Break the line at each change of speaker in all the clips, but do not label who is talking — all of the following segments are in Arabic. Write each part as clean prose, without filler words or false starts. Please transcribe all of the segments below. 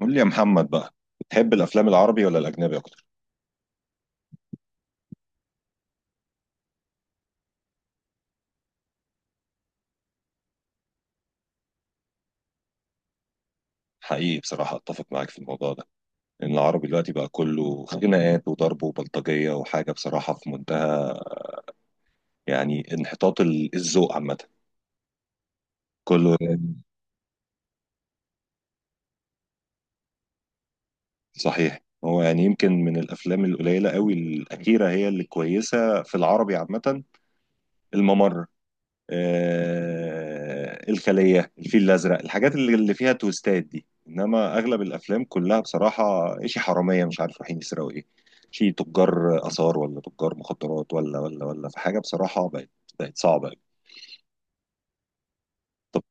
قول لي يا محمد بقى، بتحب الافلام العربي ولا الاجنبي اكتر؟ حقيقي بصراحه اتفق معاك في الموضوع ده، لان العربي دلوقتي بقى كله خناقات وضرب وبلطجيه وحاجه بصراحه في منتهى يعني انحطاط الذوق عامه، كله يعني. صحيح، هو يعني يمكن من الافلام القليله قوي الاخيره هي اللي كويسه في العربي عامه. الممر، الخلية، الفيل الأزرق، الحاجات اللي فيها تويستات دي. إنما أغلب الأفلام كلها بصراحة إشي حرامية مش عارف رايحين يسرقوا إيه، شي تجار آثار ولا تجار مخدرات ولا في حاجة بصراحة بقت صعبة أوي. طب.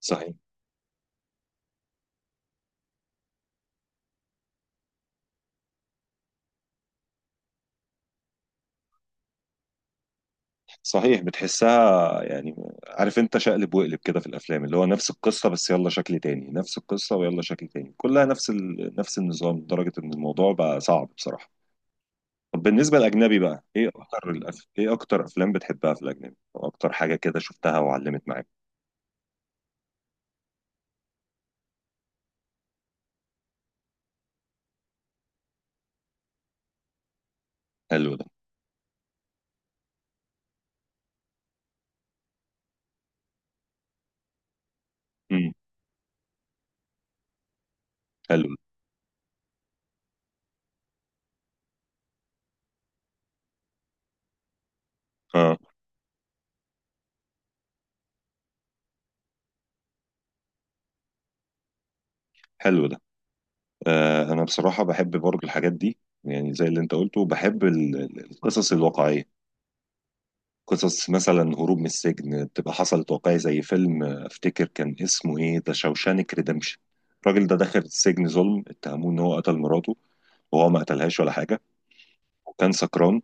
صحيح صحيح، بتحسها يعني، عارف انت شقلب وقلب كده في الافلام اللي هو نفس القصه بس يلا شكل تاني، نفس القصه ويلا شكل تاني، كلها نفس النظام، لدرجه ان الموضوع بقى صعب بصراحه. طب بالنسبة للأجنبي بقى، إيه أكتر أفلام بتحبها في الأجنبي؟ أو أكتر حاجة كده شفتها وعلمت معاك. حلو ده. امم حلو ده. آه. حلو ده. آه أنا بصراحة بحب برضو الحاجات دي، يعني زي اللي أنت قلته بحب القصص الواقعية، قصص مثلا هروب من السجن بتبقى حصلت واقعي زي فيلم، أفتكر كان اسمه إيه ده، شوشانك ريدمشن. الراجل ده دخل السجن ظلم، اتهموه إن هو قتل مراته وهو ما قتلهاش ولا حاجة، وكان سكران،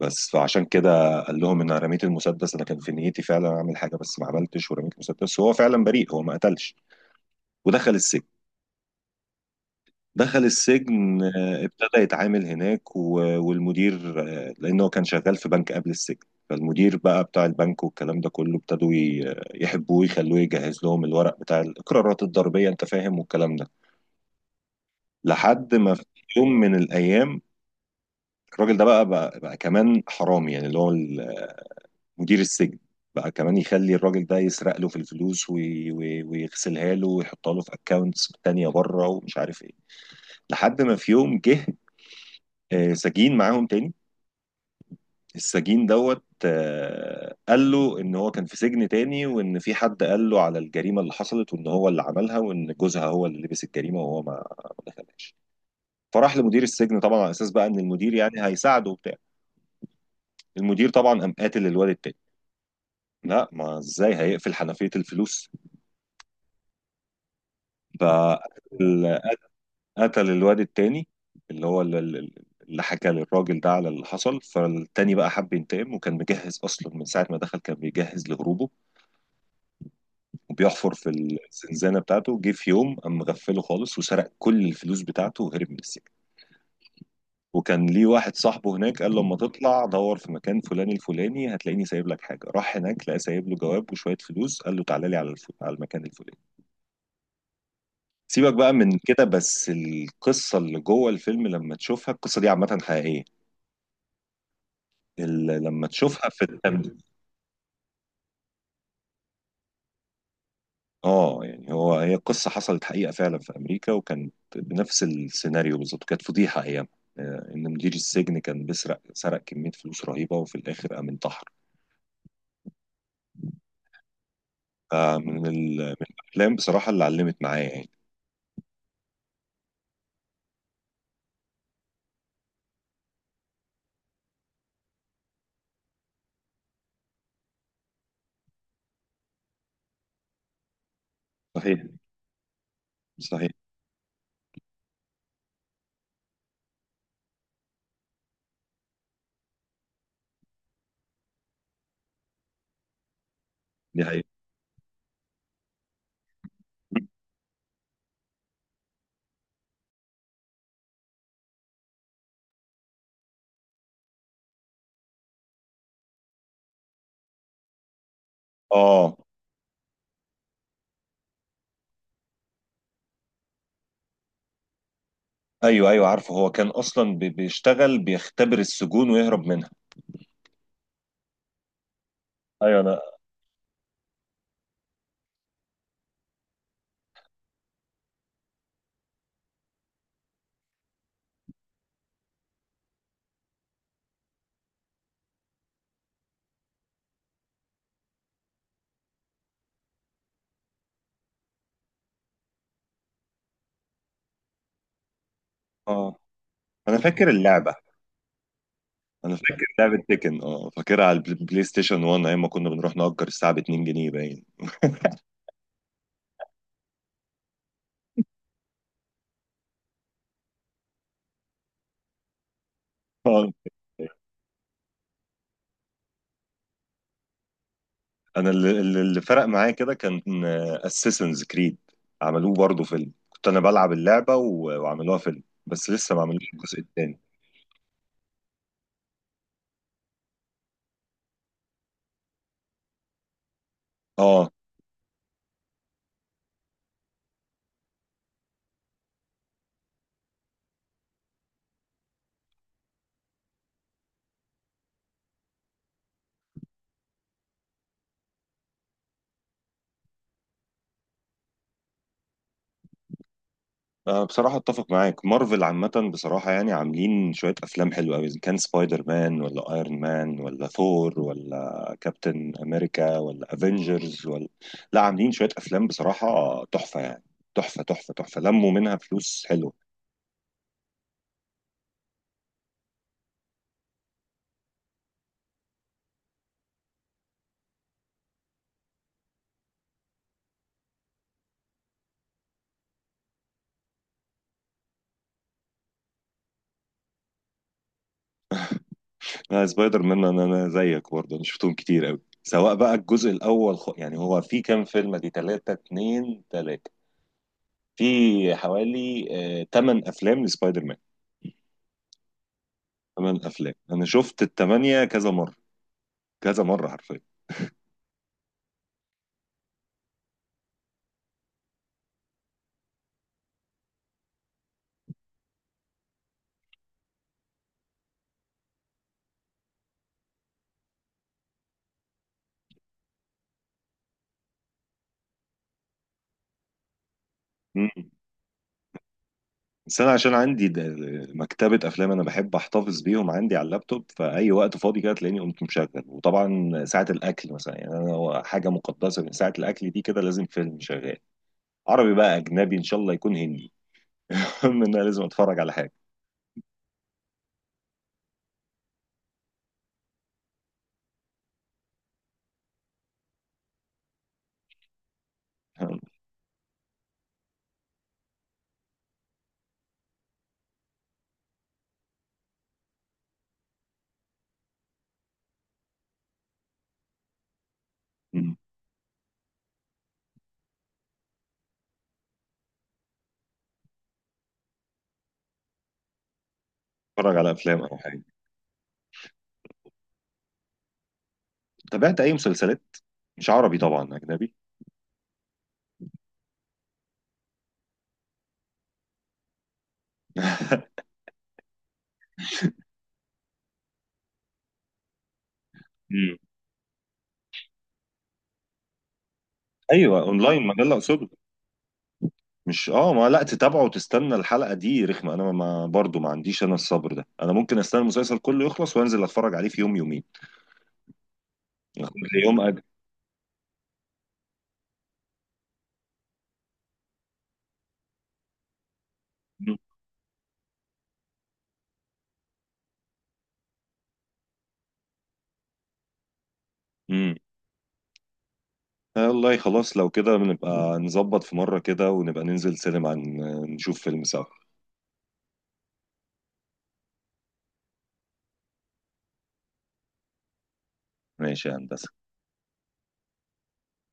بس فعشان كده قال لهم ان انا رميت المسدس، انا كان في نيتي فعلا اعمل حاجه بس ما عملتش ورميت المسدس، وهو فعلا بريء، هو ما قتلش. ودخل السجن. دخل السجن، ابتدى يتعامل هناك والمدير، لانه كان شغال في بنك قبل السجن، فالمدير بقى بتاع البنك والكلام ده كله ابتدوا يحبوه، يخلوه يجهز لهم الورق بتاع الاقرارات الضريبيه، انت فاهم، والكلام ده. لحد ما في يوم من الايام الراجل ده بقى كمان حرامي، يعني اللي هو مدير السجن بقى كمان يخلي الراجل ده يسرق له في الفلوس ويغسلها له ويحطها له في اكونتس تانية بره ومش عارف ايه. لحد ما في يوم جه سجين معاهم تاني، السجين دوت، قال له ان هو كان في سجن تاني وان في حد قال له على الجريمة اللي حصلت وان هو اللي عملها، وان جوزها هو اللي لبس الجريمة وهو ما دخلهاش. فراح لمدير السجن طبعا على اساس بقى ان المدير يعني هيساعده وبتاع. المدير طبعا قام قاتل الواد التاني. لا، ما ازاي هيقفل حنفية الفلوس؟ ف قتل الواد التاني، اللي هو اللي حكى للراجل ده على اللي حصل. فالتاني بقى حب ينتقم، وكان مجهز اصلا من ساعه ما دخل كان بيجهز لهروبه وبيحفر في الزنزانه بتاعته. جه في يوم قام مغفله خالص وسرق كل الفلوس بتاعته وهرب من السجن. وكان ليه واحد صاحبه هناك قال له لما تطلع دور في مكان فلاني الفلاني هتلاقيني سايب لك حاجه. راح هناك لقى سايب له جواب وشويه فلوس، قال له تعالى لي على على المكان الفلاني. سيبك بقى من كده، بس القصه اللي جوه الفيلم لما تشوفها، القصه دي عامه حقيقيه، لما تشوفها في التمثيل. اه يعني هو هي قصة حصلت حقيقة فعلا في أمريكا وكانت بنفس السيناريو بالظبط، كانت فضيحة أيام. إن مدير السجن كان بيسرق، سرق كمية فلوس رهيبة وفي الآخر قام انتحر. فمن من الأفلام بصراحة اللي علمت معايا يعني. صحيح صحيح. دي حقيقة. اه، ايوه ايوه، عارفه هو كان اصلا بيشتغل بيختبر السجون ويهرب منها. ايوه اه انا فاكر اللعبه. انا فاكر لعبه تيكن، اه فاكرها على بلاي ستيشن 1، ايام ما كنا بنروح نأجر الساعه ب 2 جنيه باين. اه، انا اللي فرق معايا كده كان اساسنز كريد، عملوه برضه فيلم، كنت انا بلعب اللعبه وعملوها فيلم بس لسه ما عملوش الجزء الثاني. اه. أه بصراحة أتفق معاك، مارفل عامة بصراحة يعني عاملين شوية أفلام حلوة أوي، إذا كان سبايدر مان ولا أيرون مان ولا ثور ولا كابتن أمريكا ولا أفينجرز ولا، لا، عاملين شوية أفلام بصراحة تحفة يعني، تحفة تحفة تحفة، لموا منها فلوس حلوة. أنا سبايدر مان، أنا زيك برضه، أنا شفتهم كتير أوي، سواء بقى الجزء الأول، يعني هو في كام فيلم دي، تلاتة، اتنين تلاتة، في حوالي تمن أفلام لسبايدر مان. تمن أفلام، أنا شفت التمانية كذا مرة، كذا مرة حرفيا. مم. بس أنا عشان عندي مكتبة أفلام، أنا بحب أحتفظ بيهم عندي على اللابتوب، فأي وقت فاضي كده تلاقيني قمت مشغل، وطبعا ساعة الأكل مثلا، يعني أنا هو حاجة مقدسة من ساعة الأكل دي كده، لازم فيلم شغال، عربي بقى أجنبي إن شاء الله يكون هندي. المهم إن أنا لازم أتفرج على حاجة. مم. أتفرج على أفلام أو حاجة. تابعت أي مسلسلات؟ مش عربي طبعا، أجنبي. مم. أيوه أونلاين، مجلة أقصد. مش ما لا تتابعه وتستنى الحلقة دي رخمة. انا ما برضو ما عنديش انا الصبر ده، انا ممكن استنى المسلسل كله يخلص وانزل اتفرج عليه في يوم يومين. اخد لي يوم اجل. امم. والله خلاص لو كده بنبقى نظبط في مرة كده ونبقى ننزل سينما نشوف فيلم سوا. ماشي يا هندسة.